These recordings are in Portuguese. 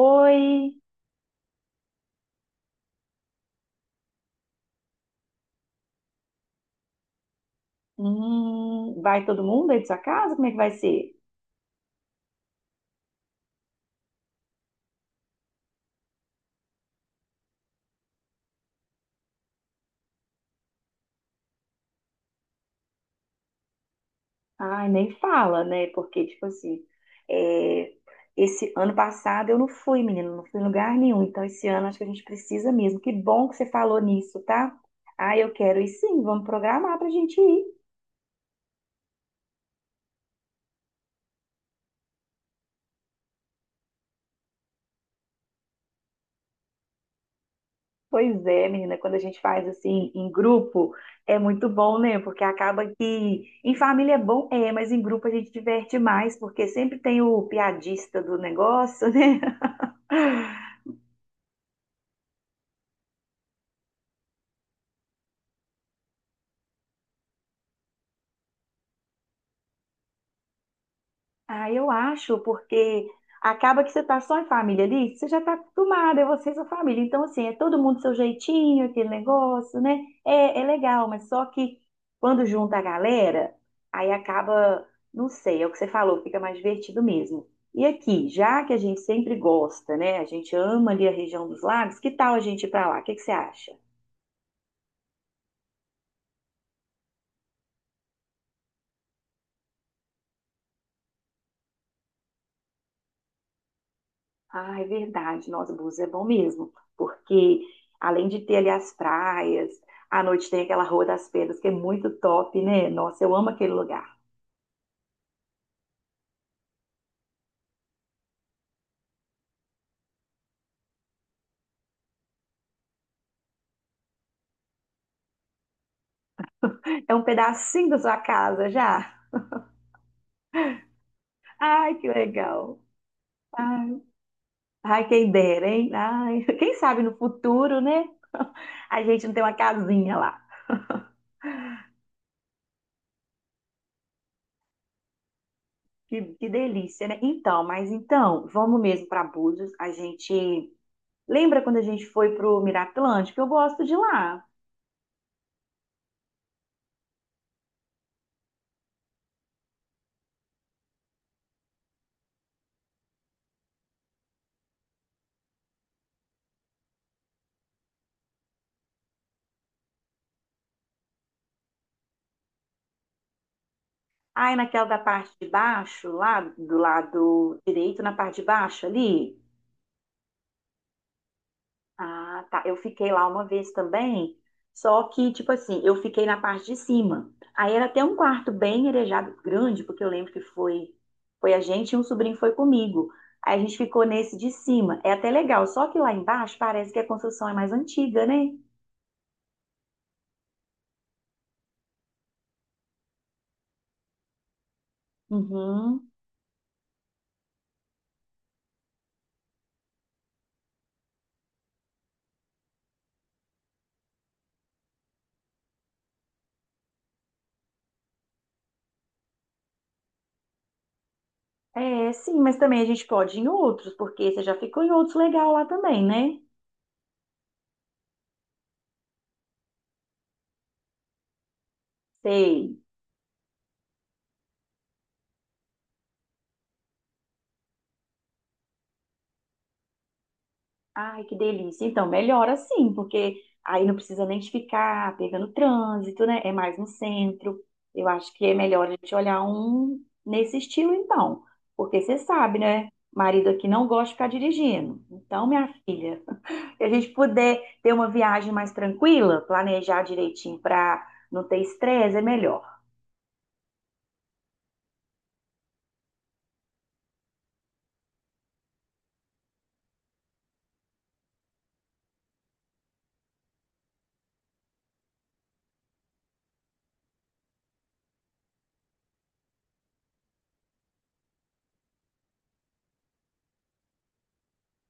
Oi, vai todo mundo aí da sua casa? Como é que vai ser? Ai, nem fala, né? Porque, tipo assim, é, esse ano passado eu não fui, menino, não fui em lugar nenhum. Então, esse ano acho que a gente precisa mesmo. Que bom que você falou nisso, tá? Ah, eu quero ir sim, vamos programar pra gente ir. Pois é, menina, quando a gente faz assim em grupo, é muito bom, né? Porque acaba que em família é bom, é, mas em grupo a gente diverte mais, porque sempre tem o piadista do negócio, né? Ah, eu acho, porque acaba que você tá só em família ali, você já tá acostumada, é você e sua família. Então, assim, é todo mundo seu jeitinho, aquele negócio, né? É, é legal, mas só que quando junta a galera, aí acaba, não sei, é o que você falou, fica mais divertido mesmo. E aqui, já que a gente sempre gosta, né? A gente ama ali a região dos lagos, que tal a gente ir pra lá? O que que você acha? Ah, é verdade. Nossa, Búzios é bom mesmo, porque além de ter ali as praias, à noite tem aquela Rua das Pedras, que é muito top, né? Nossa, eu amo aquele lugar. É um pedacinho da sua casa já. Ai, que legal. Ai, ai, quem dera, hein? Ai, quem sabe no futuro, né? A gente não tem uma casinha lá. Que delícia, né? Então, mas então, vamos mesmo para Búzios. A gente. Lembra quando a gente foi pro Miraplântico? Eu gosto de lá. Aí naquela da parte de baixo, lá do lado direito, na parte de baixo ali. Ah, tá. Eu fiquei lá uma vez também, só que, tipo assim, eu fiquei na parte de cima. Aí era até um quarto bem arejado, grande, porque eu lembro que foi, foi a gente e um sobrinho foi comigo. Aí a gente ficou nesse de cima. É até legal, só que lá embaixo parece que a construção é mais antiga, né? Uhum. É, sim, mas também a gente pode ir em outros, porque você já ficou em outros legal lá também, né? Sei. Ai, que delícia. Então, melhor assim, porque aí não precisa nem ficar pegando trânsito, né? É mais no centro. Eu acho que é melhor a gente olhar um nesse estilo, então. Porque você sabe, né? Marido aqui não gosta de ficar dirigindo. Então, minha filha, se a gente puder ter uma viagem mais tranquila, planejar direitinho para não ter estresse, é melhor.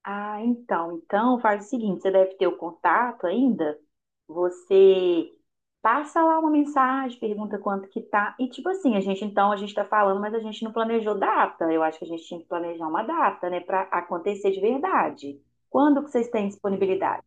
Ah, então, então faz o seguinte, você deve ter o contato ainda. Você passa lá uma mensagem, pergunta quanto que tá e tipo assim, a gente então a gente tá falando, mas a gente não planejou data. Eu acho que a gente tinha que planejar uma data, né, para acontecer de verdade. Quando que vocês têm disponibilidade?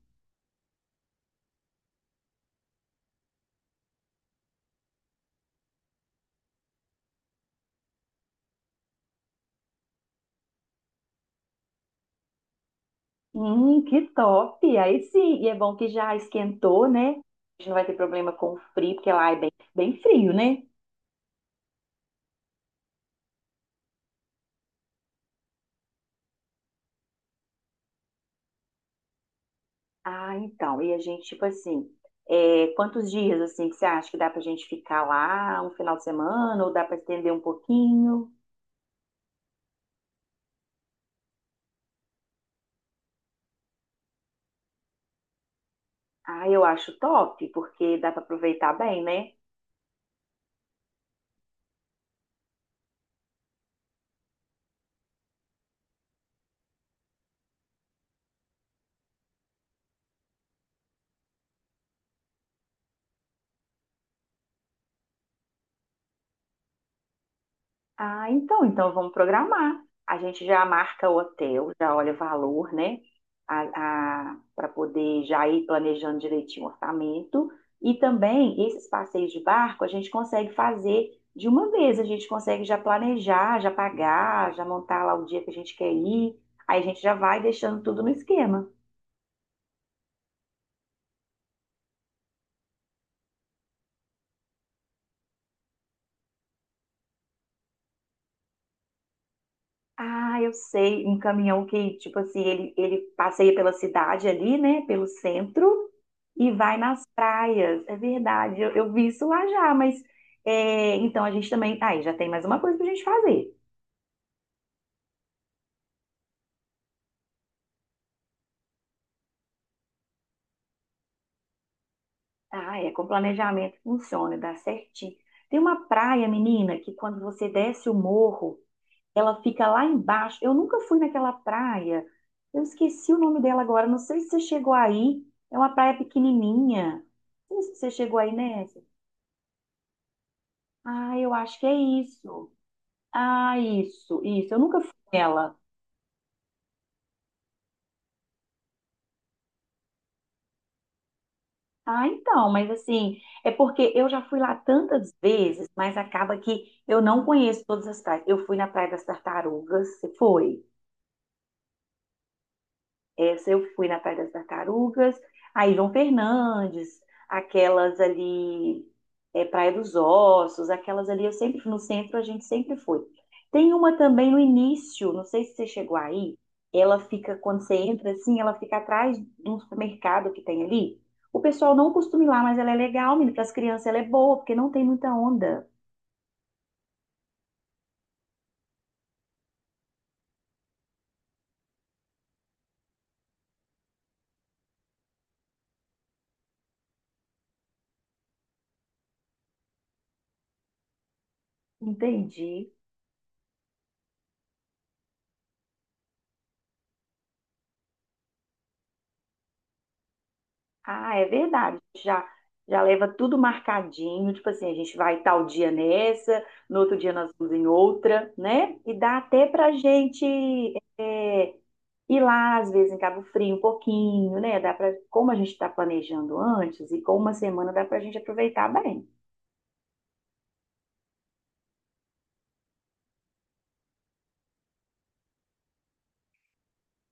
Que top! Aí sim, e é bom que já esquentou, né? A gente não vai ter problema com o frio, porque lá é bem, bem frio, né? Ah, então, e a gente, tipo assim, quantos dias, assim, que você acha que dá pra gente ficar lá, um final de semana, ou dá pra estender um pouquinho? Ah, eu acho top, porque dá pra aproveitar bem, né? Ah, então, então vamos programar. A gente já marca o hotel, já olha o valor, né? Para poder já ir planejando direitinho o orçamento. E também esses passeios de barco a gente consegue fazer de uma vez, a gente consegue já planejar, já pagar, já montar lá o dia que a gente quer ir. Aí a gente já vai deixando tudo no esquema. Ah, eu sei, um caminhão que, tipo assim, ele passeia pela cidade ali, né, pelo centro e vai nas praias. É verdade, eu vi isso lá já, mas então a gente também. Aí já tem mais uma coisa pra gente fazer. Ah, é, com planejamento funciona, dá certinho. Tem uma praia, menina, que quando você desce o morro, ela fica lá embaixo. Eu nunca fui naquela praia, eu esqueci o nome dela agora, não sei se você chegou aí. É uma praia pequenininha. Não sei se você chegou aí, né? Ah, eu acho que é isso. Ah, isso, isso. Eu nunca fui nela. Ah, então, mas assim, é porque eu já fui lá tantas vezes, mas acaba que eu não conheço todas as praias. Eu fui na Praia das Tartarugas, você foi? Essa eu fui na Praia das Tartarugas. Aí João Fernandes, aquelas ali, Praia dos Ossos, aquelas ali, eu sempre fui no centro a gente sempre foi. Tem uma também no início, não sei se você chegou aí, ela fica, quando você entra assim, ela fica atrás de um supermercado que tem ali. O pessoal não costuma ir lá, mas ela é legal, menina, para as crianças ela é boa, porque não tem muita onda. Entendi. Ah, é verdade. Já, já leva tudo marcadinho. Tipo assim, a gente vai tal dia nessa, no outro dia nós vamos em outra, né? E dá até pra gente é, ir lá, às vezes, em Cabo Frio um pouquinho, né? Dá pra, como a gente está planejando antes e com uma semana, dá pra gente aproveitar bem.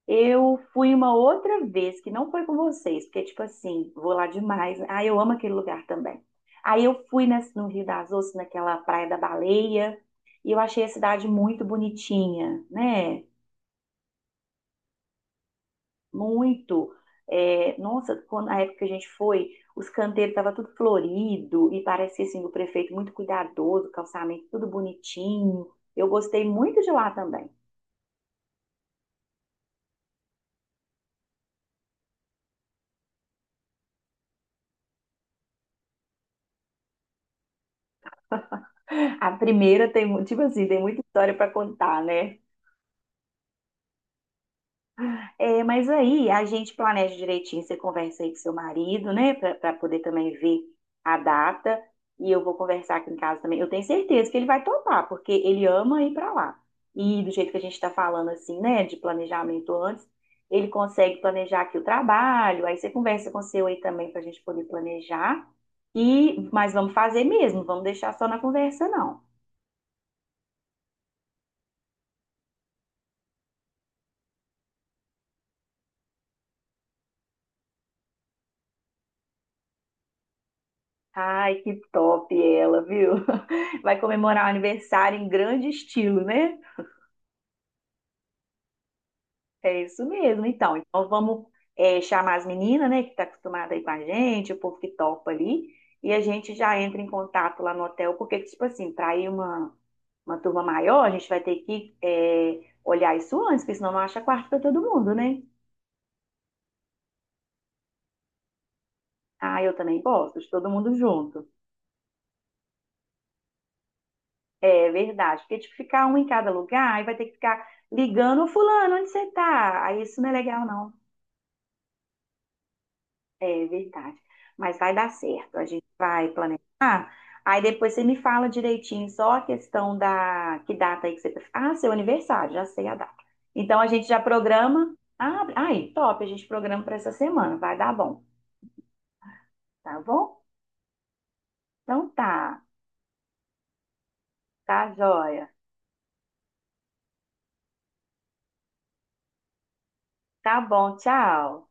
Eu fui uma outra vez, que não foi com vocês, porque, tipo assim, vou lá demais. Ah, eu amo aquele lugar também. Aí eu fui nesse- No Rio das Ostras, naquela Praia da Baleia, e eu achei a cidade muito bonitinha, né? Muito. É, nossa, quando, na época que a gente foi, os canteiros estavam tudo florido, e parecia, assim, o prefeito muito cuidadoso, calçamento tudo bonitinho. Eu gostei muito de lá também. A primeira tem, mu- Tipo assim, tem muita história para contar, né? É, mas aí a gente planeja direitinho, você conversa aí com seu marido, né, para poder também ver a data. E eu vou conversar aqui em casa também. Eu tenho certeza que ele vai topar, porque ele ama ir para lá. E do jeito que a gente está falando assim, né, de planejamento antes, ele consegue planejar aqui o trabalho. Aí você conversa com o seu aí também para a gente poder planejar. E mas vamos fazer mesmo, vamos deixar só na conversa não. Ai, que top ela, viu? Vai comemorar o aniversário em grande estilo, né? É isso mesmo, então. Então vamos chamar as meninas, né, que tá acostumada aí com a gente, o povo que topa ali, e a gente já entra em contato lá no hotel, porque, tipo assim, para ir uma turma maior, a gente vai ter que olhar isso antes, porque senão não acha quarto para todo mundo, né? Ah, eu também gosto de todo mundo junto. É verdade, porque tipo, ficar um em cada lugar, aí vai ter que ficar ligando, fulano, onde você tá? Aí isso não é legal, não. É verdade. Mas vai dar certo. A gente vai planejar. Aí depois você me fala direitinho só a questão da que data aí que você. Ah, seu aniversário, já sei a data. Então a gente já programa. Ah, aí, top, a gente programa para essa semana. Vai dar bom, tá bom? Então tá, tá joia. Tá bom, tchau.